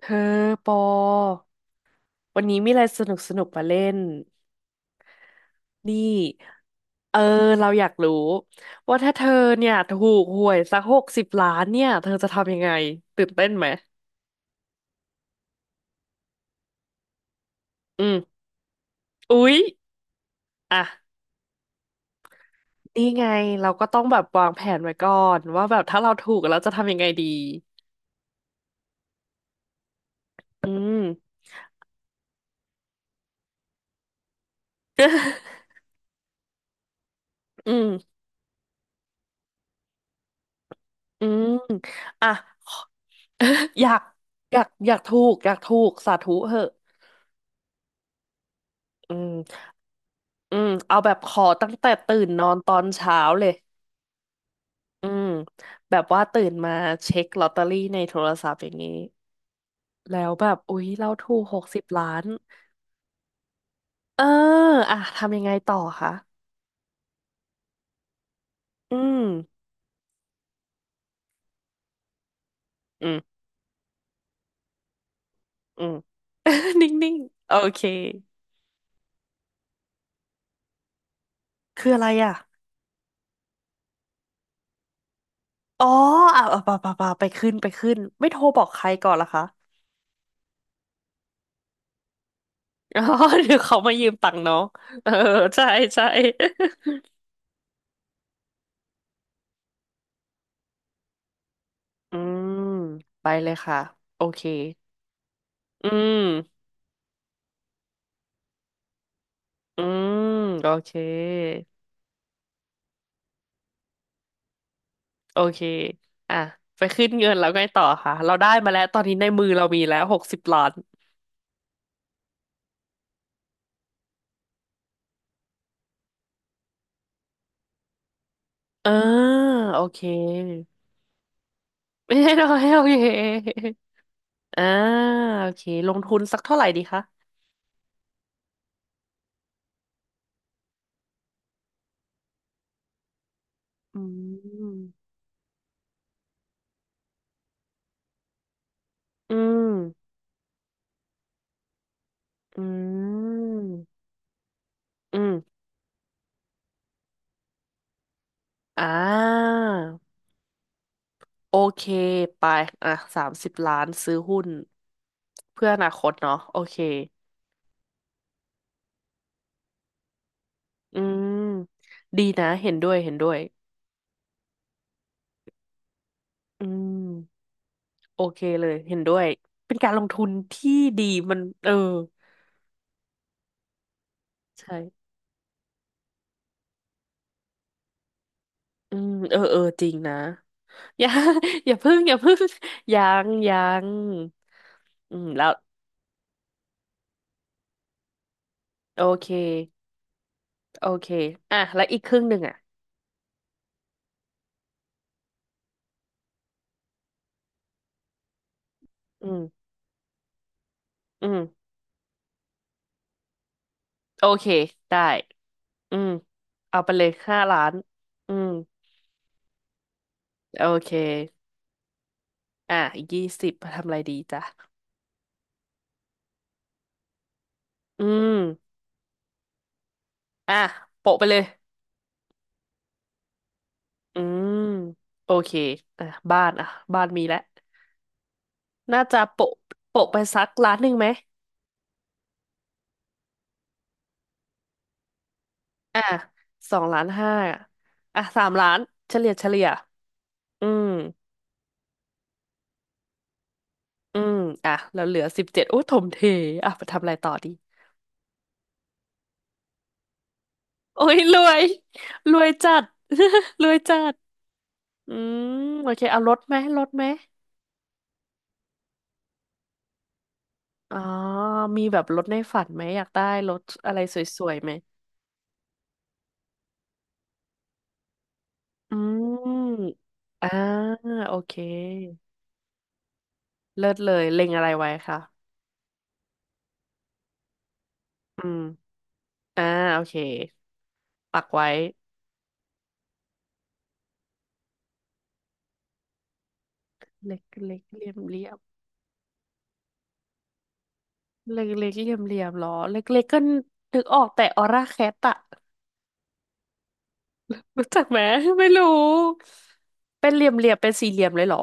เธอปอวันนี้มีอะไรสนุกสนุกมาเล่นนี่เออเราอยากรู้ว่าถ้าเธอเนี่ยถูกหวยสักหกสิบล้านเนี่ยเธอจะทำยังไงตื่นเต้นไหมอืมอุ๊ยอ่ะนี่ไงเราก็ต้องแบบวางแผนไว้ก่อนว่าแบบถ้าเราถูกเราจะทำยังไงดีอืม อืมอืมอ่ะ อยากอยากถูกสาธุเหอะอืม อืมเอาแบบขอตั้งแต่ตื่นนอนตอนเช้าเลยอืมแบบว่าตื่นมาเช็คลอตเตอรี่ในโทรศัพท์อย่างนี้แล้วแบบอุ๊ยเราถูกหกสิบล้านเอออ่ะทำยังไงต่อคะอืมอืมอืม นิ่งๆโอเคคืออะไรอ่ะอ๋ออ่ะอ่ะป่ะไปขึ้นไม่โทรบอกใครก่อนละคะ อ๋อเดี๋ยวเขามายืมตังค์น้องเออใช่ใช่ อืมไปเลยค่ะโอเคอืม อืมโอเคโอเคอ่ะไปขึ้นเงินแล้วไงต่อค่ะเราได้มาแล้วตอนนี้ในมือเรามีแล้วหกสิบล้านอ่าโอเคไม่ใช่น้อยโอเคอ่าโอเคลงทุนสักเท่าไหร่ดีคะอืมอืมอืมอืมอ่าโอเคไปอ่ะ30 ล้านซื้อหุ้นเพื่ออนาคตเนาะโอเคอืมดีนะเห็นด้วยเห็นด้วยอืม โอเคเลยเห็นด้วยเป็นการลงทุนที่ดีมันเออใช่อืมเออเออจริงนะ อย่า อย่าพึ่ง ยังอืมแล้วโอเคโอเคอ่ะแล้วอีกครึ่งหนึ่งอ่ะอืมอืมโอเคได้อืมเอาไปเลย5 ล้านอืมโอเคอ่ะอีก20ทำอะไรดีจ้ะอืมอ่ะโปะไปเลยอืมโอเคอ่ะบ้านอ่ะบ้านมีแล้ว น่าจะโปะโปะไปสักล้านหนึ่งไหม อ่ะ2.5 ล้านอะอ่ะ3 ล้านเฉลี่ยอืม อืม อ่ะแล้วเหลือ17โอ้ถมเทอ่ะไปทำอะไรต่อดีโอ้ยรวยรวยจัด รวยจัดอืมโอเคเอารถไหมอ๋อมีแบบรถในฝันไหมอยากได้รถอะไรสวยๆไหมอืมอ่าโอเคเลิศเลยเล็งอะไรไว้คะอืมอ่าโอเคปักไว้ เล็กเล็กเหลี่ยมเหลี่ยมเล็กเล็กเหลี่ยมเหลี่ยมหรอเล็กเล็กก็นึกออกแต่ออร่าแคทอะ รู้จักไหมไม่รู้เป็นเหลี่ยมเหลี่ยมเป็นสี่เหลี่ยมเลยเหรอ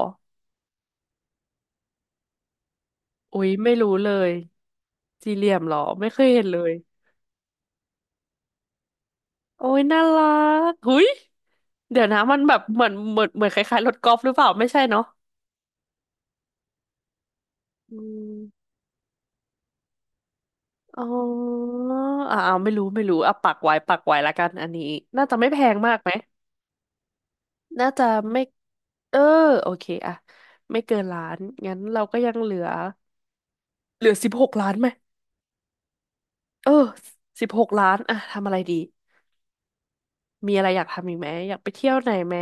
อุ้ยไม่รู้เลยสี่เหลี่ยมเหรอไม่เคยเห็นเลยโอ้ยน่ารักหุยเดี๋ยวนะมันแบบเหมือนคล้ายๆรถกอล์ฟหรือเปล่าไม่ใช่เนาะอืมอ๋ออ่าไม่รู้อ่ะปักไว้ละกันอันนี้น่าจะไม่แพงมากไหม น่าจะไม่เออโอเคอะไม่เกินล้านงั้นเราก็ยังเหลือสิบหกล้านไหมเออสิบหกล้านอะทำอะไรดีมีอะไรอยากทำอีกไหมอยากไปเที่ยวไหนไหม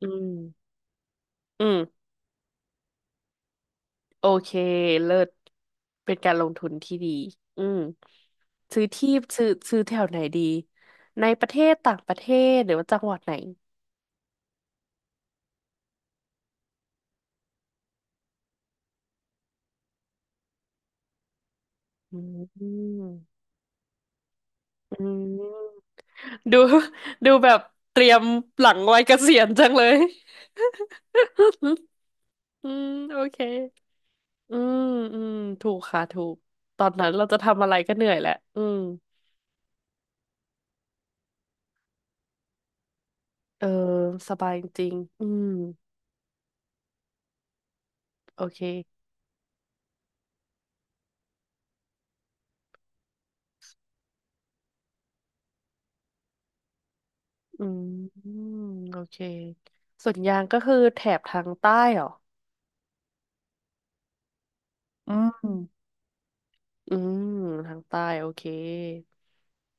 อืมอืมโอเคเลิศเป็นการลงทุนที่ดีอืมซื้อที่ซื้อแถวไหนดีในประเทศต่างประเทศหรือว่าจังหวัดไหนอืมอืมดูดูแบบเตรียมหลังวัยเกษียณจังเลย อืมโอเคอืมอืมถูกค่ะถูกตอนนั้นเราจะทำอะไรก็เหนื่อยแหละอืมเออสบายจริงอืมโอเคอืมอืมโอเคส่วนยางก็คือแถบทางใต้เหรอ อืมอืมทางใต้โอเค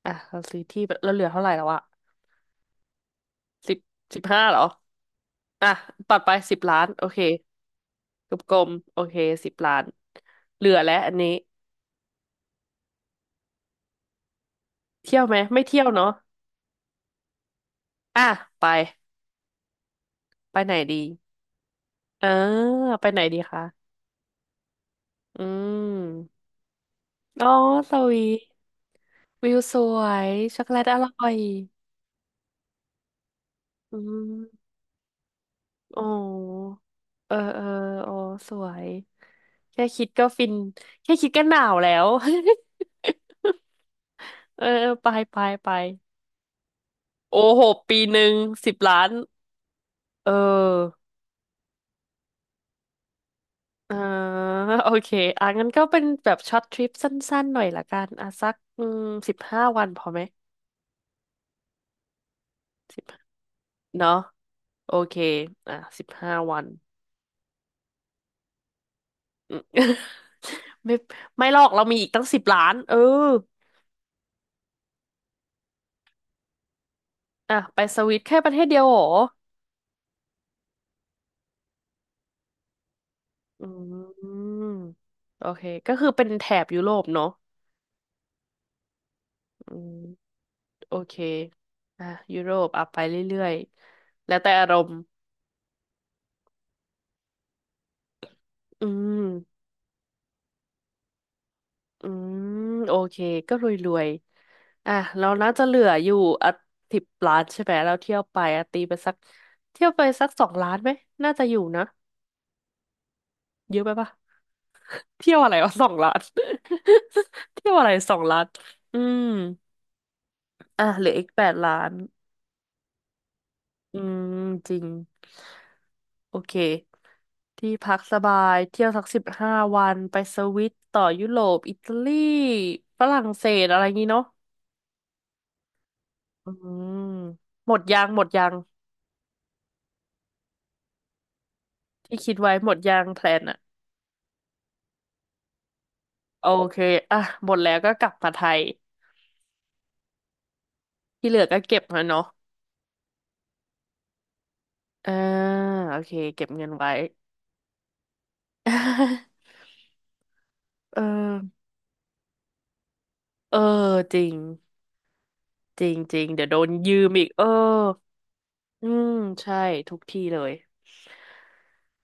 อ่ะเราซื้อที่ไปเราเหลือเท่าไหร่แล้วอะสิบสิบห้าเหรออ่ะตัดไปสิบล้านโอเคกลมๆโอเคสิบล้านเหลือแล้วอันนี้เที่ยวไหมไม่เที่ยวเนาะอ่ะไป ไปไหนดีอ่าไปไหนดีคะอืมอ๋อสวีทวิวสวยช็อกโกแลตอร่อยอืมอ๋อเออเอออ๋อสวยแค่คิดก็ฟินแค่คิดก็หนาวแล้ว เออเออไปไปโอ้โหปีหนึ่งสิบล้านเอออ่าโอเคอ่ะงั้นก็เป็นแบบช็อตทริปสั้นๆหน่อยละกันอ่ะสักอืมสิบห้าวันพอไหมสิบเนาะ โอเคอ่ะ15 วันอืม ไม่ไม่หรอกเรามีอีกตั้งสิบล้านเอออ่ะไปสวิตแค่ประเทศเดียวเหรออืมโอเคก็คือเป็นแถบยุโรปเนาะอืมโอเคอ่ะยุโรปอ่ะไปเรื่อยๆแล้วแต่อารมณ์อืมอืมโอเคก็รวยๆอ่ะเราน่าจะเหลืออยู่อ่ะสิบล้านใช่ไหมเราเที่ยวไปอ่ะตีไปสักเที่ยวไปสักสองล้านไหมน่าจะอยู่นะเยอะไปปะ เที่ยวอะไรวะ 2 ล้าน เที่ยวอะไร2 ล้านอืมอ่ะเหลืออีก8 ล้านอืมจริงโอเค ที่พักสบายเที่ยวสัก15 วันไปสวิตต่อยุโรปอิตาลีฝรั่งเศสอะไรงี้เนาะอืมหมดยังที่คิดไว้หมดยังแพลนอะโอเคอ่ะหมดแล้วก็กลับมาไทยที่เหลือก็เก็บมาเนาะอ่าโอเคเก็บเงินไว้ เออเออจริง จริงจริงเดี๋ยวโดนยืมอีกเอออืมใช่ทุกที่เลย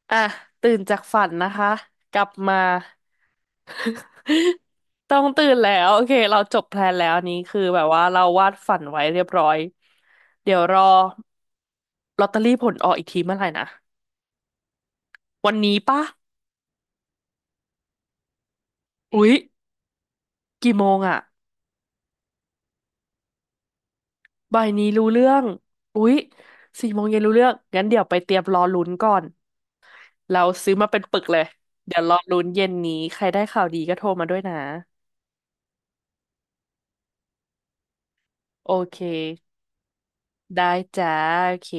อ่ะตื่นจากฝันนะคะกลับมา ต้องตื่นแล้วโอเคเราจบแพลนแล้วอันนี้คือแบบว่าเราวาดฝันไว้เรียบร้อยเดี๋ยวรอลอตเตอรี่ผลออกอีกทีเมื่อไหร่นะวันนี้ปะอุ๊ยกี่โมงอะบ่ายนี้รู้เรื่องอุ๊ยสี่โมงเย็นรู้เรื่องงั้นเดี๋ยวไปเตรียมรอลุ้นก่อนเราซื้อมาเป็นปึกเลยเดี๋ยวรอลุ้นเย็นนี้ใครได้ข่าวดีก็โทรมาด้วยนะ โอเค ได้จ้าโอเค